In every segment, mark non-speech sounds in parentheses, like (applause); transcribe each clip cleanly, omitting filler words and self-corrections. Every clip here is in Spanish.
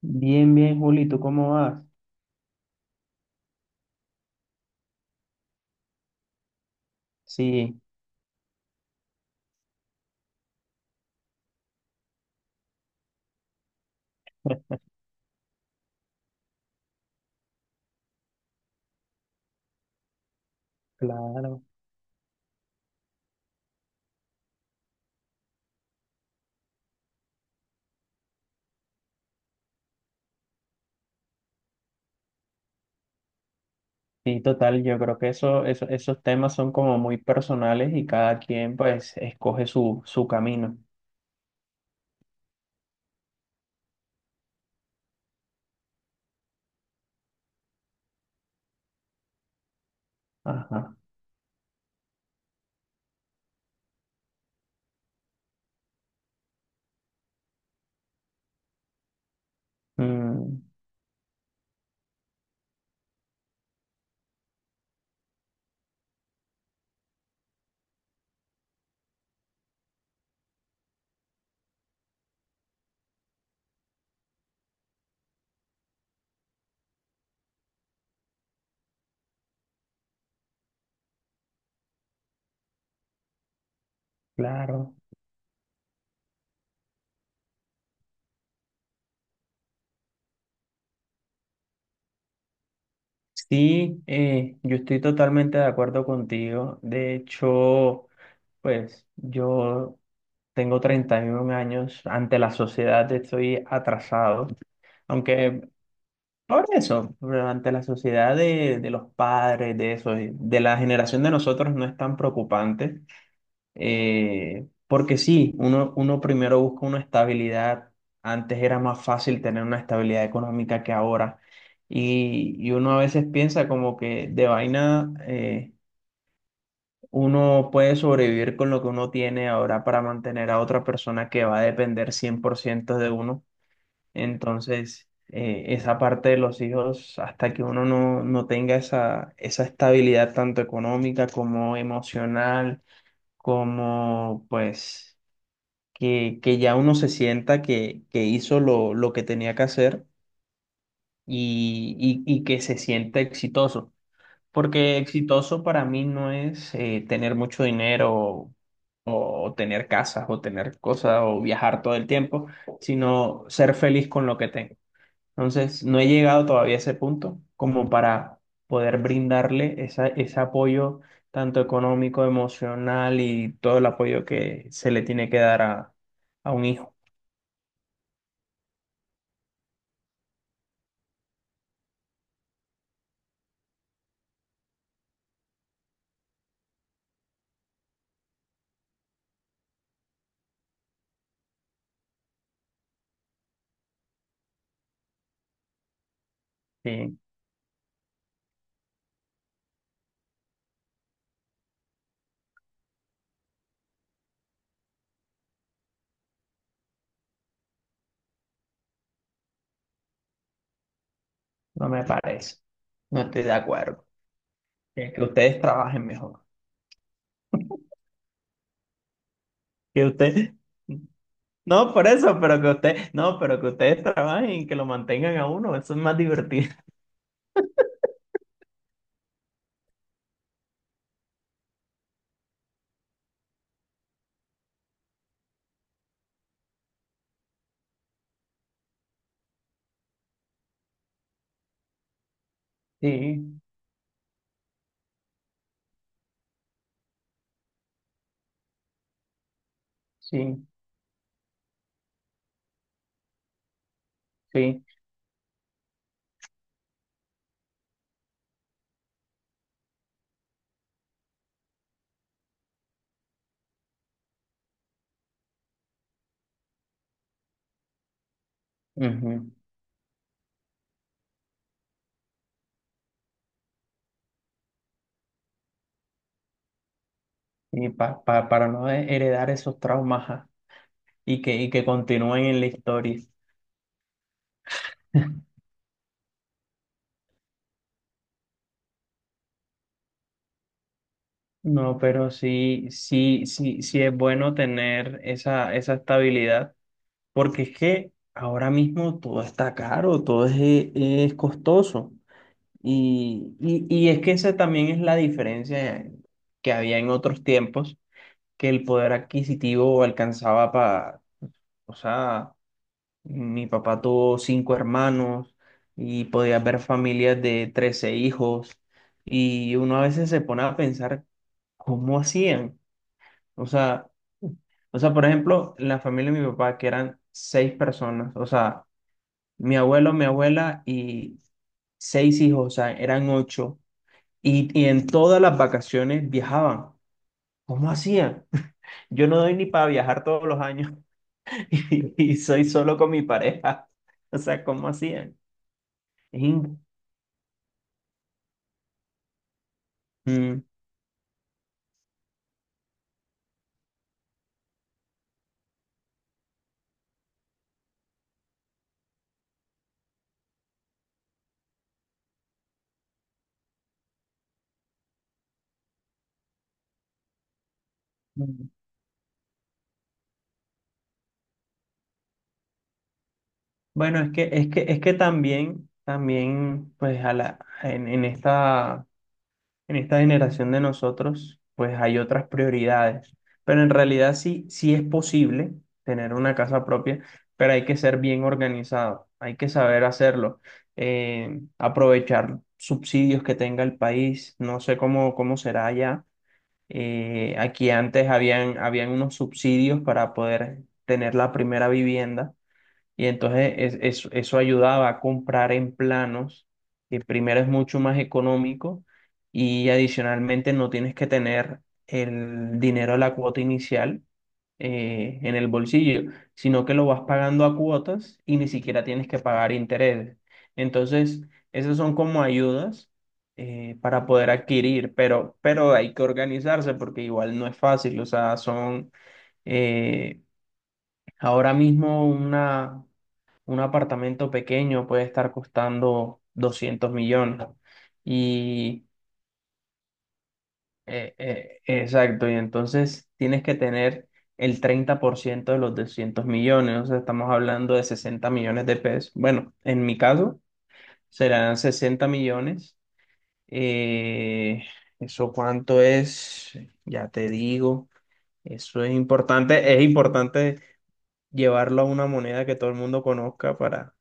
Bien, bien, Juli, ¿tú cómo vas? Sí, claro, sí, total, yo creo que eso, esos temas son como muy personales y cada quien pues escoge su camino. Ajá. Mm, claro. Sí, yo estoy totalmente de acuerdo contigo. De hecho, pues yo tengo 31 años, ante la sociedad estoy atrasado, aunque. Por eso, pero ante la sociedad de los padres, de eso, de la generación de nosotros no es tan preocupante, porque sí, uno primero busca una estabilidad, antes era más fácil tener una estabilidad económica que ahora, y uno a veces piensa como que de vaina uno puede sobrevivir con lo que uno tiene ahora para mantener a otra persona que va a depender 100% de uno. Entonces, esa parte de los hijos, hasta que uno no tenga esa estabilidad tanto económica como emocional, como pues que ya uno se sienta que hizo lo que tenía que hacer y que se sienta exitoso. Porque exitoso para mí no es tener mucho dinero o tener casas o tener cosas o viajar todo el tiempo, sino ser feliz con lo que tengo. Entonces, no he llegado todavía a ese punto como para poder brindarle ese apoyo tanto económico, emocional y todo el apoyo que se le tiene que dar a, un hijo. Sí, no me parece. No estoy de acuerdo. Que ustedes trabajen mejor. Que ustedes. No, por eso, pero que ustedes. No, pero que ustedes trabajen y que lo mantengan a uno. Eso es más divertido. (laughs) Sí, sí, sí. Ujú. Y para no heredar esos traumas. Y que continúen en la historia. (laughs) No, pero sí, sí, sí, sí es bueno tener esa estabilidad, porque es que ahora mismo todo está caro, todo es costoso. Y es que esa también es la diferencia que había en otros tiempos, que el poder adquisitivo alcanzaba para, o sea, mi papá tuvo cinco hermanos y podía ver familias de 13 hijos y uno a veces se pone a pensar cómo hacían. O sea, o sea, por ejemplo, la familia de mi papá, que eran seis personas, o sea, mi abuelo, mi abuela y seis hijos, o sea, eran ocho, y en todas las vacaciones viajaban. ¿Cómo hacían? (laughs) Yo no doy ni para viajar todos los años. (laughs) Y soy solo con mi pareja. O sea, ¿cómo hacían? Es in- mm, mm. Bueno, es que también, también, pues a la, en esta generación de nosotros, pues hay otras prioridades. Pero en realidad sí, sí es posible tener una casa propia, pero, hay que ser bien organizado, hay que saber hacerlo, aprovechar subsidios que tenga el país, no sé cómo, cómo será allá. Aquí antes habían unos subsidios para poder tener la primera vivienda. Y entonces eso ayudaba a comprar en planos, que primero es mucho más económico y adicionalmente no tienes que tener el dinero de la cuota inicial en el bolsillo, sino que lo vas pagando a cuotas y ni siquiera tienes que pagar intereses. Entonces, esas son como ayudas para poder adquirir, pero hay que organizarse porque igual no es fácil, o sea, son. Eh, Ahora mismo un apartamento pequeño puede estar costando 200 millones. Y exacto, y entonces tienes que tener el 30% de los 200 millones, o sea, estamos hablando de 60 millones de pesos. Bueno, en mi caso serán 60 millones. Eh, ¿Eso cuánto es? Ya te digo, eso es importante llevarlo a una moneda que todo el mundo conozca para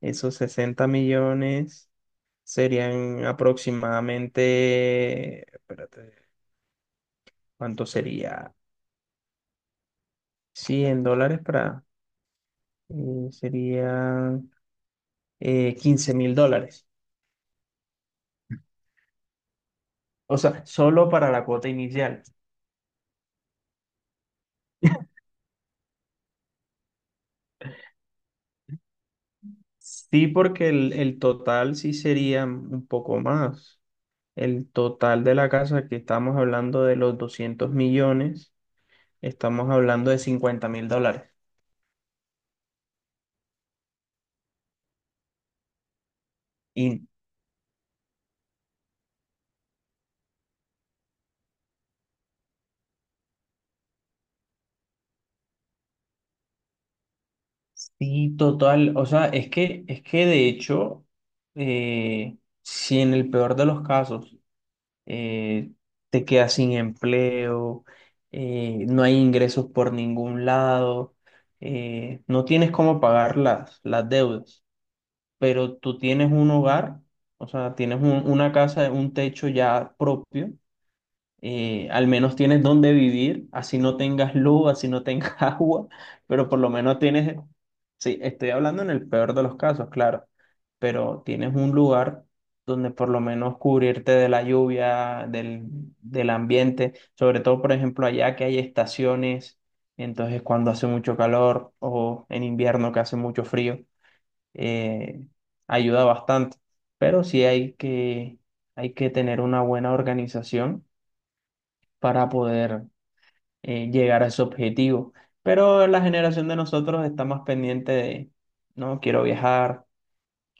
esos 60 millones. Serían aproximadamente, espérate, ¿cuánto sería? $100 para, serían 15 mil dólares. O sea, solo para la cuota inicial. Sí, porque el total sí sería un poco más. El total de la casa que estamos hablando de los 200 millones, estamos hablando de 50.000 dólares. Y sí, total. O sea, es que de hecho, eh, si en el peor de los casos eh, te quedas sin empleo, no hay ingresos por ningún lado, no tienes cómo pagar las deudas, pero tú tienes un hogar, o sea, tienes una casa, un techo ya propio. Al menos tienes dónde vivir, así no tengas luz, así no tengas (laughs) agua, pero por lo menos tienes, sí, estoy hablando en el peor de los casos, claro, pero tienes un lugar donde por lo menos cubrirte de la lluvia, del ambiente, sobre todo, por ejemplo, allá que hay estaciones, entonces cuando hace mucho calor o en invierno que hace mucho frío, eh, ayuda bastante, pero sí hay que, tener una buena organización para poder llegar a ese objetivo. Pero la generación de nosotros está más pendiente de, no, quiero viajar,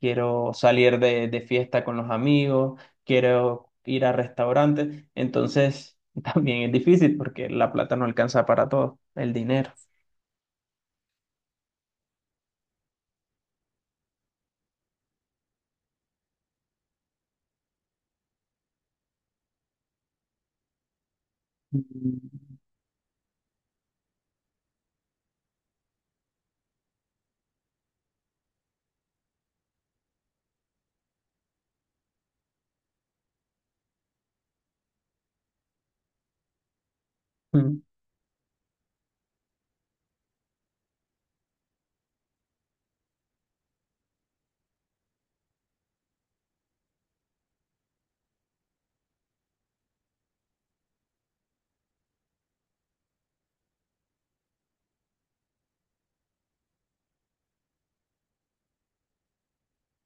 quiero salir de fiesta con los amigos, quiero ir a restaurantes. Entonces, (laughs) también es difícil porque la plata no alcanza para todo, el dinero. Mm, mm,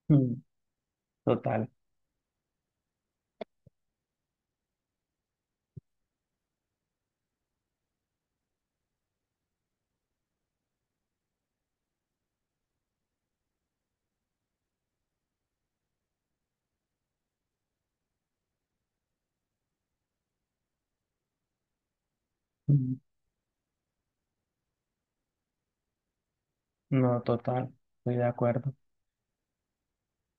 mm, total. Mm, no, total. Estoy de acuerdo.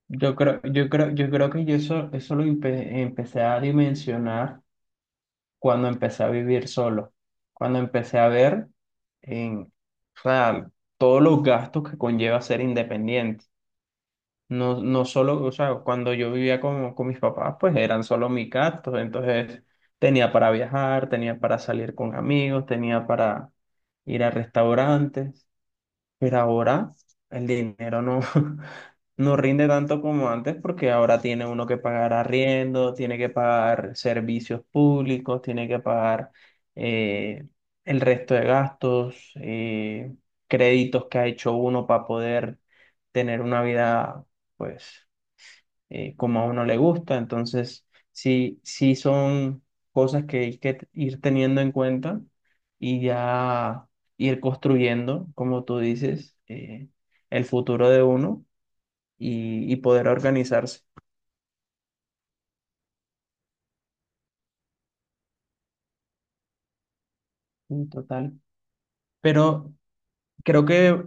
Yo creo que yo eso lo empecé a dimensionar cuando empecé a vivir solo, cuando empecé a ver en, o sea, todos los gastos que conlleva ser independiente. No, no solo, o sea, cuando yo vivía con mis papás, pues eran solo mis gastos, entonces tenía para viajar, tenía para salir con amigos, tenía para ir a restaurantes. Pero ahora el dinero no, (laughs) no rinde tanto como antes porque ahora tiene uno que pagar arriendo, tiene que pagar servicios públicos, tiene que pagar eh, el resto de gastos, créditos que ha hecho uno para poder tener una vida, pues como a uno le gusta. Entonces, sí, sí son cosas que hay que ir teniendo en cuenta y ya ir construyendo, como tú dices, el futuro de uno y poder organizarse en total. Pero creo que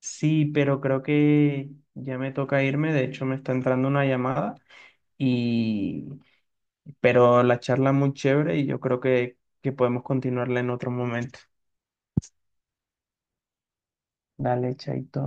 sí, pero creo que ya me toca irme. De hecho, me está entrando una llamada y pero la charla muy chévere y yo creo que podemos continuarla en otro momento. Dale, chaito.